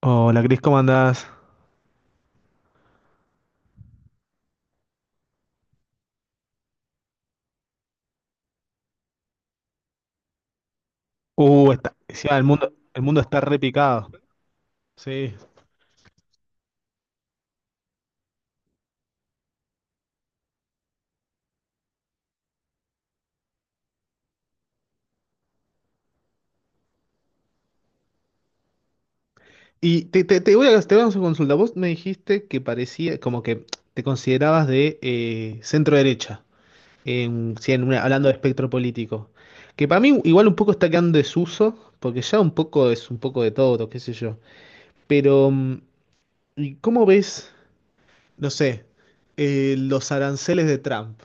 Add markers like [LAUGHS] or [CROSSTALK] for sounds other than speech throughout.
Hola, Cris, ¿cómo andás? Está, sí, el mundo está repicado. Sí. Y te, te voy a hacer una consulta. Vos me dijiste que parecía, como que te considerabas de centro derecha, en, sí, en una- hablando de espectro político. Que para mí igual un poco está quedando en desuso, porque ya un poco es un poco de todo, qué sé yo. Pero, ¿cómo ves, no sé, los aranceles de Trump?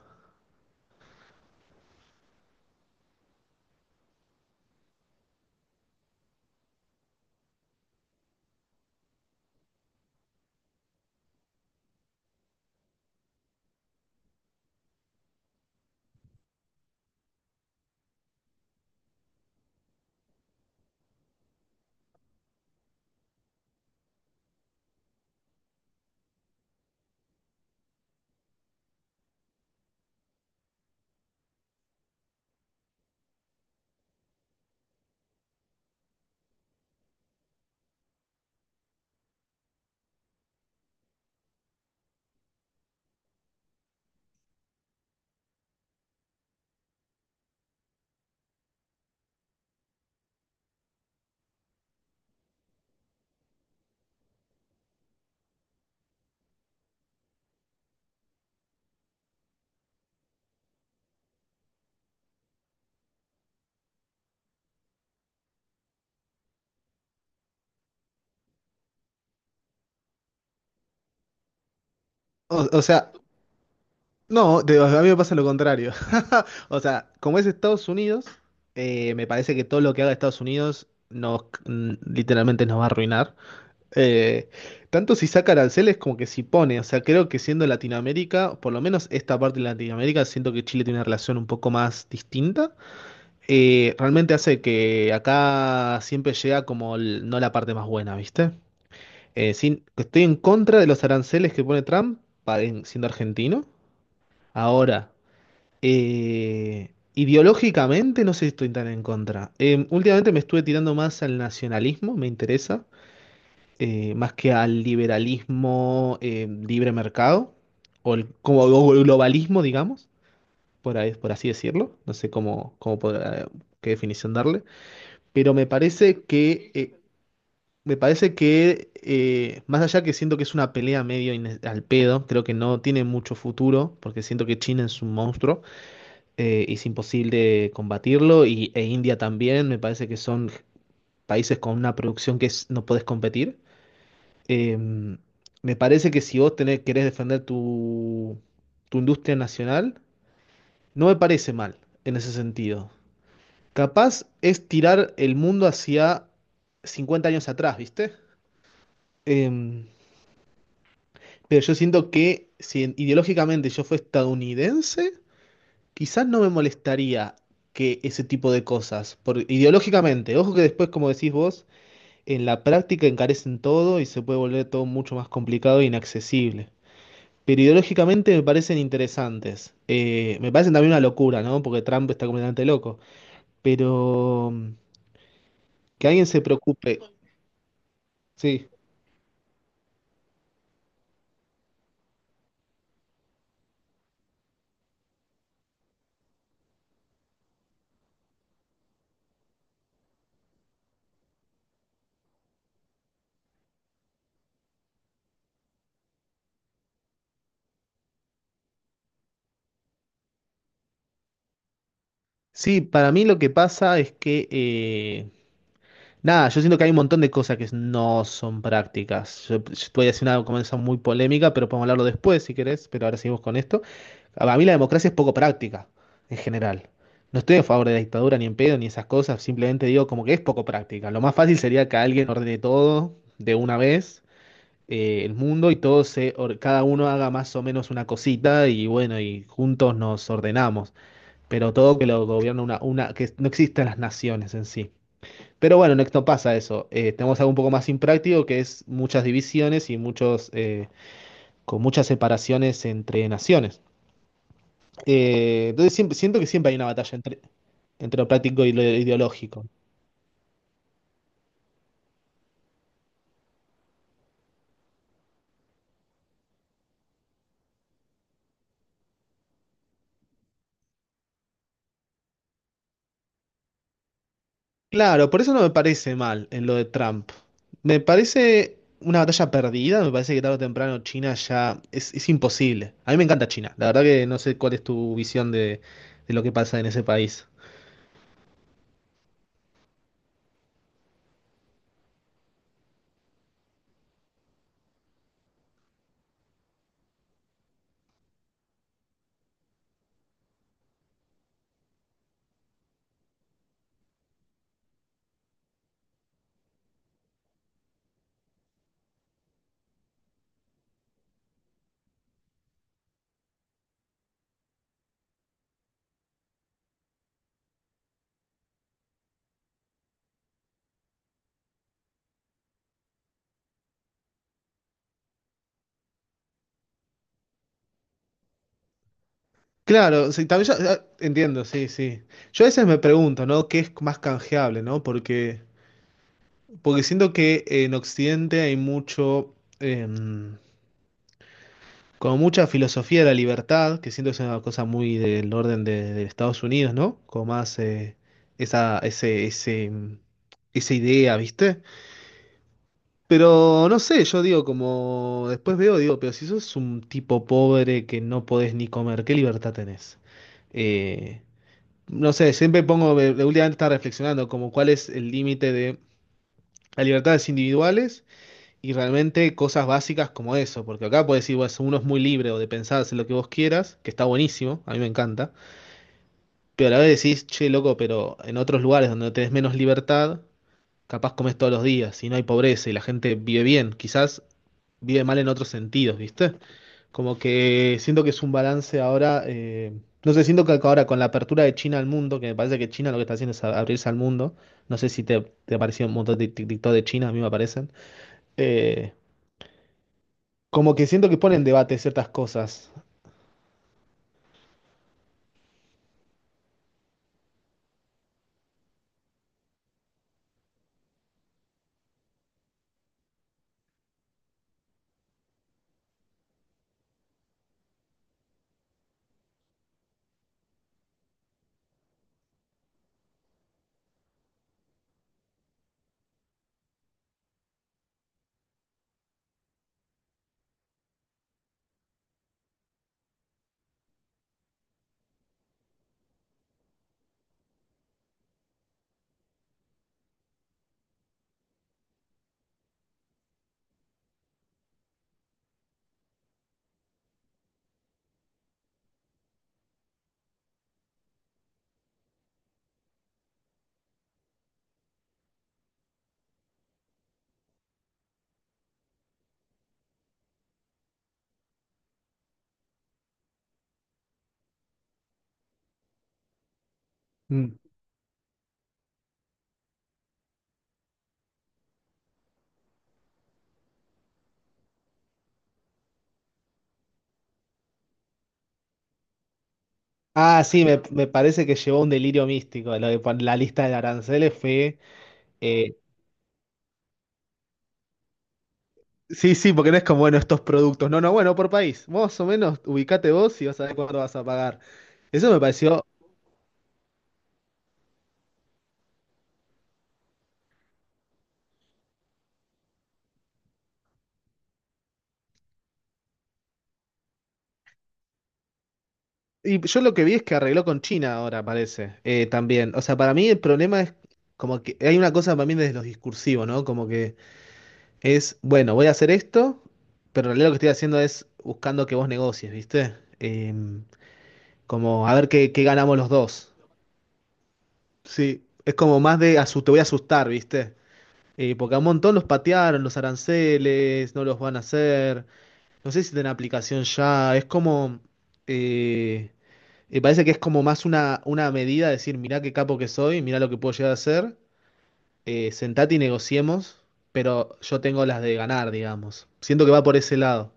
O, o sea, No, a mí me pasa lo contrario. [LAUGHS] O sea, como es Estados Unidos, me parece que todo lo que haga Estados Unidos nos, literalmente nos va a arruinar. Eh, Tanto si saca aranceles como que si pone. O sea, creo que siendo Latinoamérica, por lo menos esta parte de Latinoamérica, siento que Chile tiene una relación un poco más distinta. Realmente hace que acá siempre llega como no la parte más buena, ¿viste? Sin, Estoy en contra de los aranceles que pone Trump, siendo argentino. Ahora. Ideológicamente no sé si estoy tan en contra. Últimamente me estuve tirando más al nacionalismo, me interesa, más que al liberalismo, libre mercado, o el- como o el globalismo, digamos, por así decirlo. No sé cómo, cómo podrá- Qué definición darle. Pero me parece que, me parece que, más allá que siento que es una pelea medio al pedo, creo que no tiene mucho futuro, porque siento que China es un monstruo, es imposible combatirlo y, e India también, me parece que son países con una producción que no podés competir. Eh, Me parece que si vos querés defender tu industria nacional, no me parece mal en ese sentido. Capaz es tirar el mundo hacia 50 años atrás, ¿viste? Em, pero yo siento que si ideológicamente yo fuera estadounidense, quizás no me molestaría que ese tipo de cosas, por, ideológicamente, ojo que después, como decís vos, en la práctica encarecen todo y se puede volver todo mucho más complicado e inaccesible. Pero ideológicamente me parecen interesantes. Me parecen también una locura, ¿no? Porque Trump está completamente loco. Pero, que alguien se preocupe. Sí. Sí, para mí lo que pasa es que, nada, yo siento que hay un montón de cosas que no son prácticas. Yo te voy a decir una cosa muy polémica, pero podemos hablarlo después si querés, pero ahora seguimos con esto. A mí la democracia es poco práctica, en general. No estoy a favor de la dictadura ni en pedo ni esas cosas, simplemente digo como que es poco práctica. Lo más fácil sería que alguien ordene todo de una vez, el mundo, y todo cada uno haga más o menos una cosita y bueno, y juntos nos ordenamos. Pero todo que lo gobierna que no existan las naciones en sí. Pero bueno, en Next no pasa eso. Tenemos algo un poco más impráctico que es muchas divisiones y muchos, con muchas separaciones entre naciones. Entonces siempre, siento que siempre hay una batalla entre lo práctico y lo ideológico. Claro, por eso no me parece mal en lo de Trump. Me parece una batalla perdida, me parece que tarde o temprano China ya es imposible. A mí me encanta China, la verdad que no sé cuál es tu visión de lo que pasa en ese país. Claro, sí, también entiendo, sí, sí. Yo a veces me pregunto, ¿no? ¿Qué es más canjeable, ¿no? Porque siento que en Occidente hay mucho, como mucha filosofía de la libertad, que siento que es una cosa muy del orden de Estados Unidos, ¿no? Como más, esa, ese, mm, esa idea, ¿viste? Pero no sé, yo digo, como después veo, digo, pero si sos un tipo pobre que no podés ni comer, ¿qué libertad tenés? Eh, no sé, siempre pongo, de últimamente estaba reflexionando como cuál es el límite de las libertades individuales y realmente cosas básicas como eso, porque acá puedes decir, bueno, uno es muy libre o de pensar en lo que vos quieras, que está buenísimo, a mí me encanta, pero a la vez decís, che, loco, pero en otros lugares donde tenés menos libertad, capaz comes todos los días y no hay pobreza y la gente vive bien, quizás vive mal en otros sentidos, ¿viste? Como que siento que es un balance ahora, no sé, siento que ahora con la apertura de China al mundo, que me parece que China lo que está haciendo es abrirse al mundo, no sé si te ha parecido un montón de TikTok de China, a mí me aparecen, eh, como que siento que pone en debate ciertas cosas. Mm. Ah, sí, me parece que llevó un delirio místico, lo de la lista de aranceles fue... eh, sí, sí, porque no es como, bueno, estos productos, no, no, bueno, por país, más o menos, ubicate vos y vas a ver cuánto vas a pagar. Eso me pareció. Y yo lo que vi es que arregló con China ahora, parece, también. O sea, para mí el problema es como que hay una cosa para mí desde los discursivos, ¿no? Como que es, bueno, voy a hacer esto, pero en realidad lo que estoy haciendo es buscando que vos negocies, ¿viste? Como a ver qué ganamos los dos. Sí, es como más de te voy a asustar, ¿viste? Porque a un montón los patearon, los aranceles, no los van a hacer. No sé si tienen aplicación ya, es como... eh, me parece que es como más una medida, decir, mirá qué capo que soy, mirá lo que puedo llegar a hacer, sentate y negociemos, pero yo tengo las de ganar, digamos. Siento que va por ese lado.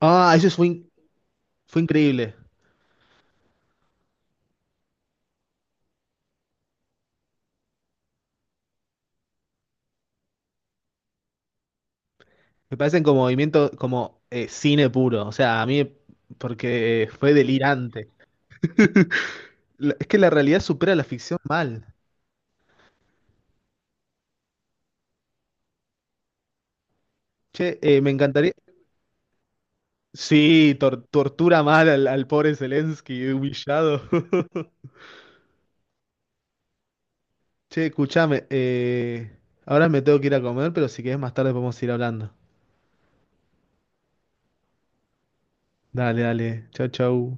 Ah, fue increíble. Me parecen como movimiento, como, cine puro. O sea, a mí, porque fue delirante. [LAUGHS] Es que la realidad supera la ficción mal. Che, me encantaría. Sí, tortura mal al pobre Zelensky, humillado. [LAUGHS] Che, escuchame, ahora me tengo que ir a comer, pero si querés más tarde podemos ir hablando. Dale, dale. Chau, chau.